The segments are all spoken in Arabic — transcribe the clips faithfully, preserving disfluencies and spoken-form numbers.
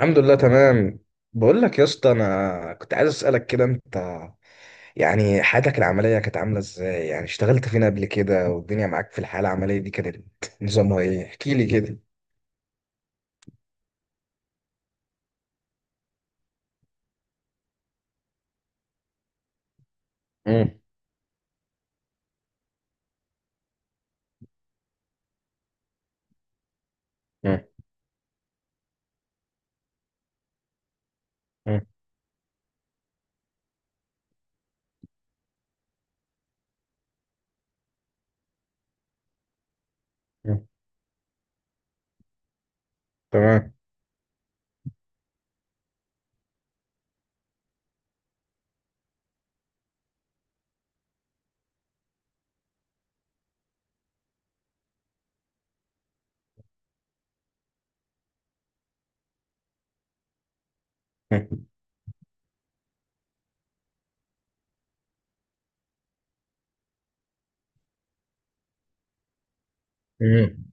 الحمد لله تمام. بقول لك يا اسطى، انا كنت عايز اسالك كده. انت يعني حياتك العمليه كانت عامله ازاي؟ يعني اشتغلت فين قبل كده، والدنيا معاك في الحياه العمليه دي كانت نظامها ايه؟ احكي لي كده. امم. امم. امم. تمام. مم. مم.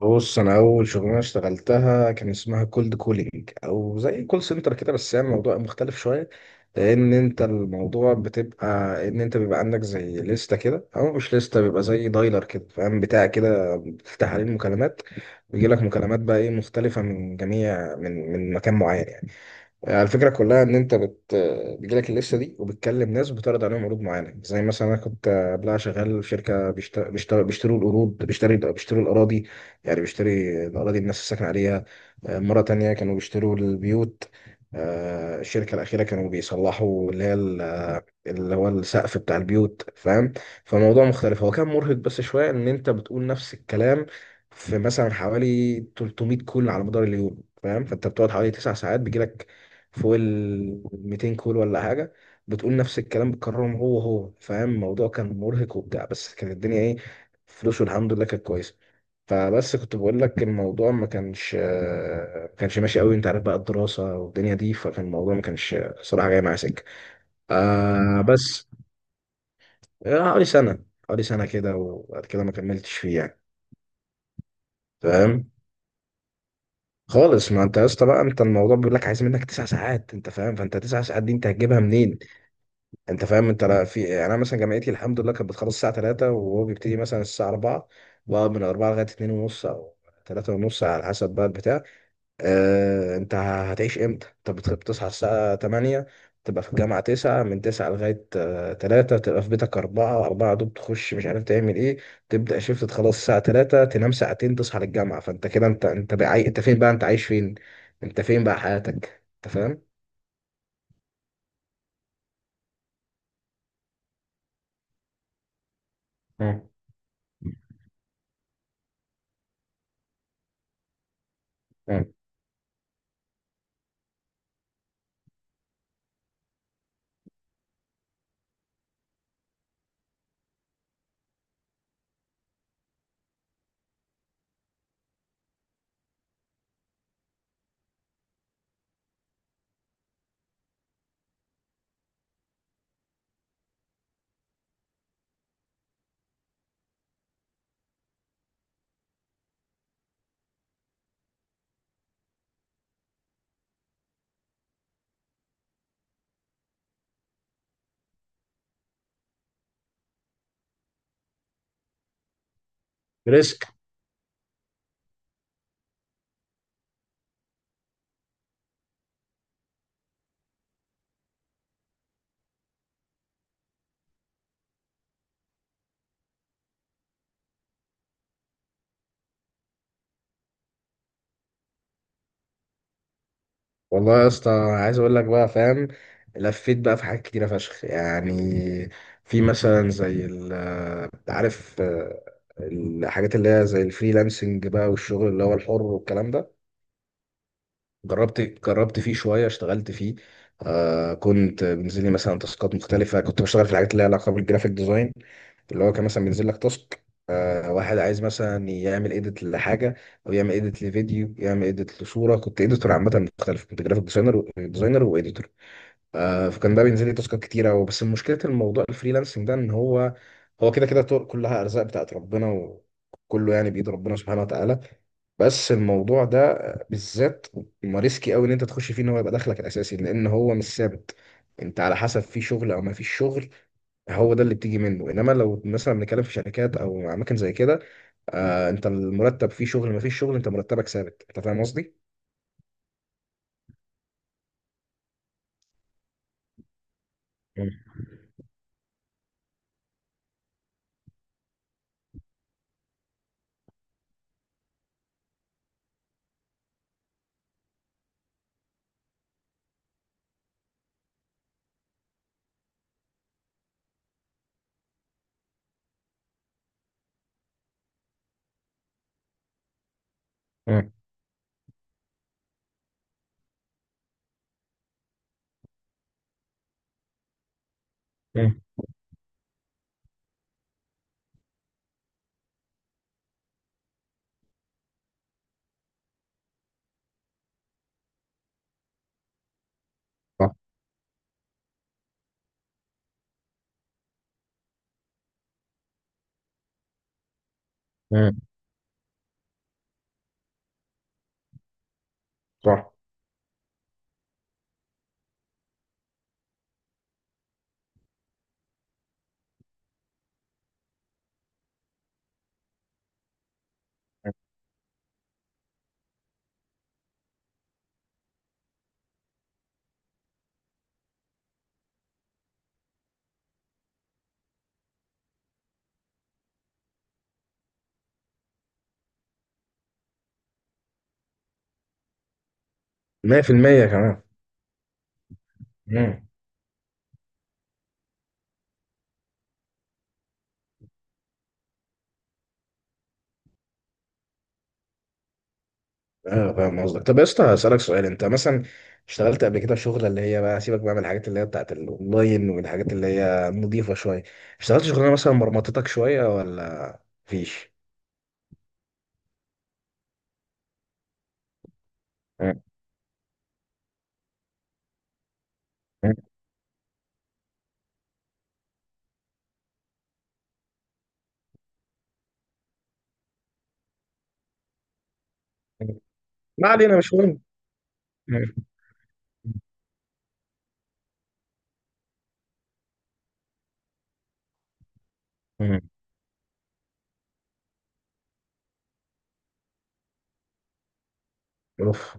بص، انا اول شغلانه اشتغلتها كان اسمها كولد كولينج، او زي كول سنتر كده، بس يعني الموضوع مختلف شويه. لان انت الموضوع بتبقى، ان انت بيبقى عندك زي لسته كده، او مش لسته، بيبقى زي دايلر كده، فاهم، بتاع كده بتفتح عليه المكالمات. ويجي لك مكالمات بقى ايه مختلفه، من جميع، من من مكان معين يعني. آه، الفكرة كلها إن أنت بت... آه، بيجيلك اللستة دي، وبتكلم ناس وبتعرض عليهم عروض معينة. زي مثلا أنا كنت آه، قبلها شغال في شركة بيشت... بيشت... بيشتروا القروض، بيشتري بيشتروا الأراضي. يعني بيشتري الأراضي الناس الساكنة عليها. آه، مرة تانية كانوا بيشتروا البيوت. آه، الشركة الأخيرة كانوا بيصلحوا اللي هي ال- آه، اللي هو السقف بتاع البيوت، فاهم. فالموضوع مختلف. هو كان مرهق بس شوية، إن أنت بتقول نفس الكلام في مثلا حوالي تلت ميه كل على مدار اليوم، فاهم. فانت بتقعد حوالي تسع ساعات بيجيلك فوق ال ميتين كول ولا حاجه. بتقول نفس الكلام، بتكررهم هو هو، فاهم. الموضوع كان مرهق وبتاع، بس كانت الدنيا ايه؟ فلوس، والحمد لله كانت كويسه. فبس كنت بقول لك، الموضوع ما كانش ما كانش ماشي قوي. انت عارف بقى، الدراسه والدنيا دي، فكان الموضوع ما كانش صراحه جاي معايا سكه. آه، بس. آه، حوالي سنه، حوالي سنه كده، وبعد كده ما كملتش فيه يعني. فاهم. خالص، ما انت يا اسطى بقى، انت الموضوع بيقول لك عايز منك تسع ساعات، انت فاهم. فانت تسع ساعات دي انت هتجيبها منين؟ انت فاهم، انت لا في، يعني انا مثلا جامعتي الحمد لله كانت بتخلص الساعه ثلاثة، وهو بيبتدي مثلا الساعه اربعه. بقى من اربعه لغايه اثنين ونص، او ثلاثة ونص على حسب بقى البتاع. اه، انت هتعيش امتى؟ انت بت- بتصحى الساعه تمانيه، تبقى في الجامعه تسعة، من تسعة لغايه آه، تلاته، تبقى في بيتك اربعه. اربعه دوب تخش مش عارف تعمل ايه. تبدا شيفت، تخلص الساعه ثلاثة، تنام ساعتين، تصحى للجامعه. فانت كده، انت انت بقى عاي- انت فين بقى؟ انت عايش فين؟ انت فين بقى حياتك؟ انت فاهم. مم. مم. رزق. والله يا اسطى، عايز اقول لك بقى، فاهم. لفيت بقى في حاجات كتيره فشخ يعني. في مثلا زي ال عارف، آه، الحاجات اللي هي زي الفريلانسنج بقى، والشغل اللي هو الحر والكلام ده. جربت جربت فيه شويه، اشتغلت فيه. آه كنت بينزل لي مثلا تاسكات مختلفه. كنت بشتغل في الحاجات اللي لها علاقه بالجرافيك ديزاين. اللي هو كان مثلا بينزل لك تاسك، آه واحد عايز مثلا يعمل ايديت لحاجه، او يعمل ايديت لفيديو، يعمل ايديت لصوره. كنت ايديتور عامه مختلف، كنت جرافيك ديزاينر ديزاينر وايديتور. آه، فكان ده بينزل لي تاسكات كتيرة. وبس، مشكلة الموضوع الفريلانسنج ده، ان هو هو كده كده طرق، كلها ارزاق بتاعت ربنا، وكله يعني بايد ربنا سبحانه وتعالى. بس الموضوع ده بالذات ما ريسكي قوي ان انت تخش فيه، ان هو يبقى دخلك الاساسي، لان هو مش ثابت. انت على حسب، في شغل او ما فيش شغل، هو ده اللي بتيجي منه. انما لو مثلا بنتكلم في شركات او اماكن زي كده، آه انت المرتب، فيه شغل ما فيش شغل، انت مرتبك ثابت. انت فاهم قصدي؟ مم. مم. مم. صح. مم. صح. ميه في الميه كمان. امم. ايوه، فاهم قصدك. طب يا اسطى، هسألك سؤال. انت مثلا اشتغلت قبل كده في شغله اللي هي بقى، سيبك بقى من الحاجات اللي هي بتاعت الاونلاين والحاجات اللي هي نظيفه شويه، اشتغلت شغلانه مثلا مرمطتك شويه ولا مفيش؟ مم. مم. ما علينا مش مهم. مم. مم. اوف.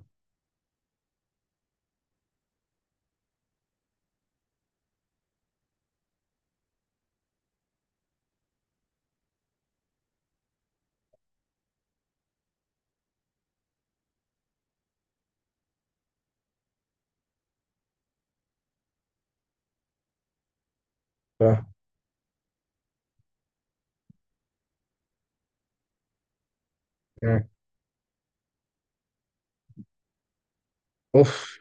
آه. مم. اوف.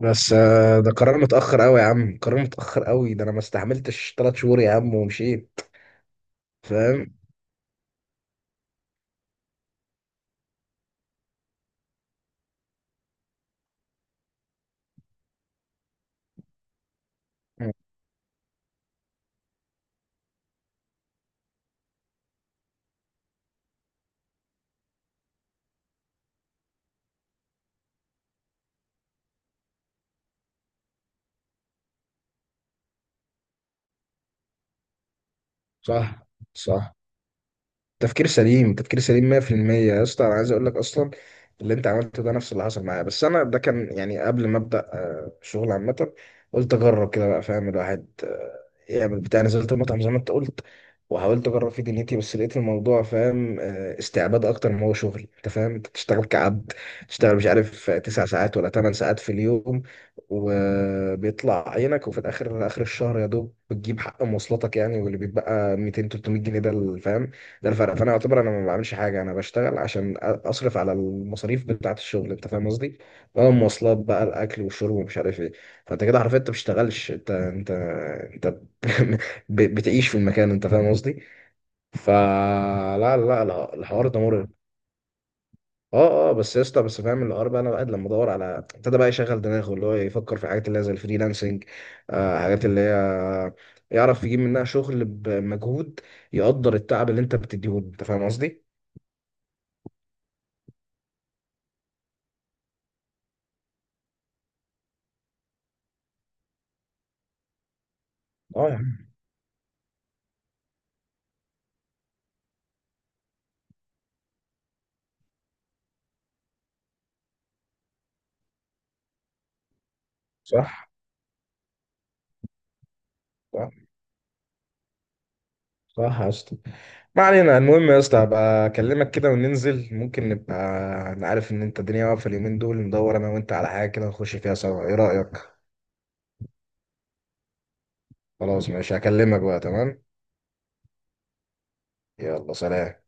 بس آه، ده قرار متأخر قوي يا عم، قرار متأخر قوي. ده انا ما استحملتش ثلاث شهور يا عم ومشيت. فاهم. مم. صح. صح. تفكير سليم، تفكير سليم ميه في الميه يا اسطى. انا عايز اقول لك اصلا، اللي انت عملته ده نفس اللي حصل معايا. بس انا ده كان يعني قبل ما ابدا آه، شغل عامه. قلت اجرب كده بقى، فاهم. الواحد آه، يعمل بتاع، نزلت المطعم زي ما انت قلت، وحاولت اجرب فيه دنيتي. بس لقيت الموضوع، فاهم، آه، استعباد اكتر ما هو شغل. انت فاهم، انت بتشتغل كعبد. تشتغل مش عارف تسع ساعات ولا ثمان ساعات في اليوم، وبيطلع عينك. وفي الاخر اخر الشهر يا دوب بتجيب حق مواصلاتك يعني، واللي بيتبقى ميتين، تلت ميت جنيه ده، فاهم. ده الفرق. فانا اعتبر انا ما بعملش حاجه. انا بشتغل عشان أ- اصرف على المصاريف بتاعه الشغل. انت فاهم قصدي؟ بقى المواصلات، بقى الاكل والشرب ومش عارف ايه. فانت كده حرفيا انت بتشتغلش. انت انت انت ب- بتعيش في المكان. انت فاهم قصدي؟ فلا لا لا لا، الحوار ده مرعب. اه، اه بس يا اسطى، بس فاهم الحوار بقى. انا بقى، لما ادور على، ابتدى بقى يشغل دماغه، اللي هو يفكر في حاجات اللي هي زي الفريلانسنج، آه حاجات اللي هي يعرف يجيب منها شغل بمجهود، يقدر التعب اللي انت بتديهوله. انت فاهم قصدي؟ اه. صح. صح. صح يا اسطى. ما علينا، المهم يا اسطى هبقى اكلمك كده وننزل، ممكن نبقى. انا عارف ان انت الدنيا واقفه اليومين دول. ندور انا وانت على حاجه كده نخش فيها سوا، ايه رايك؟ خلاص ماشي، هكلمك بقى، تمام. يلا سلام.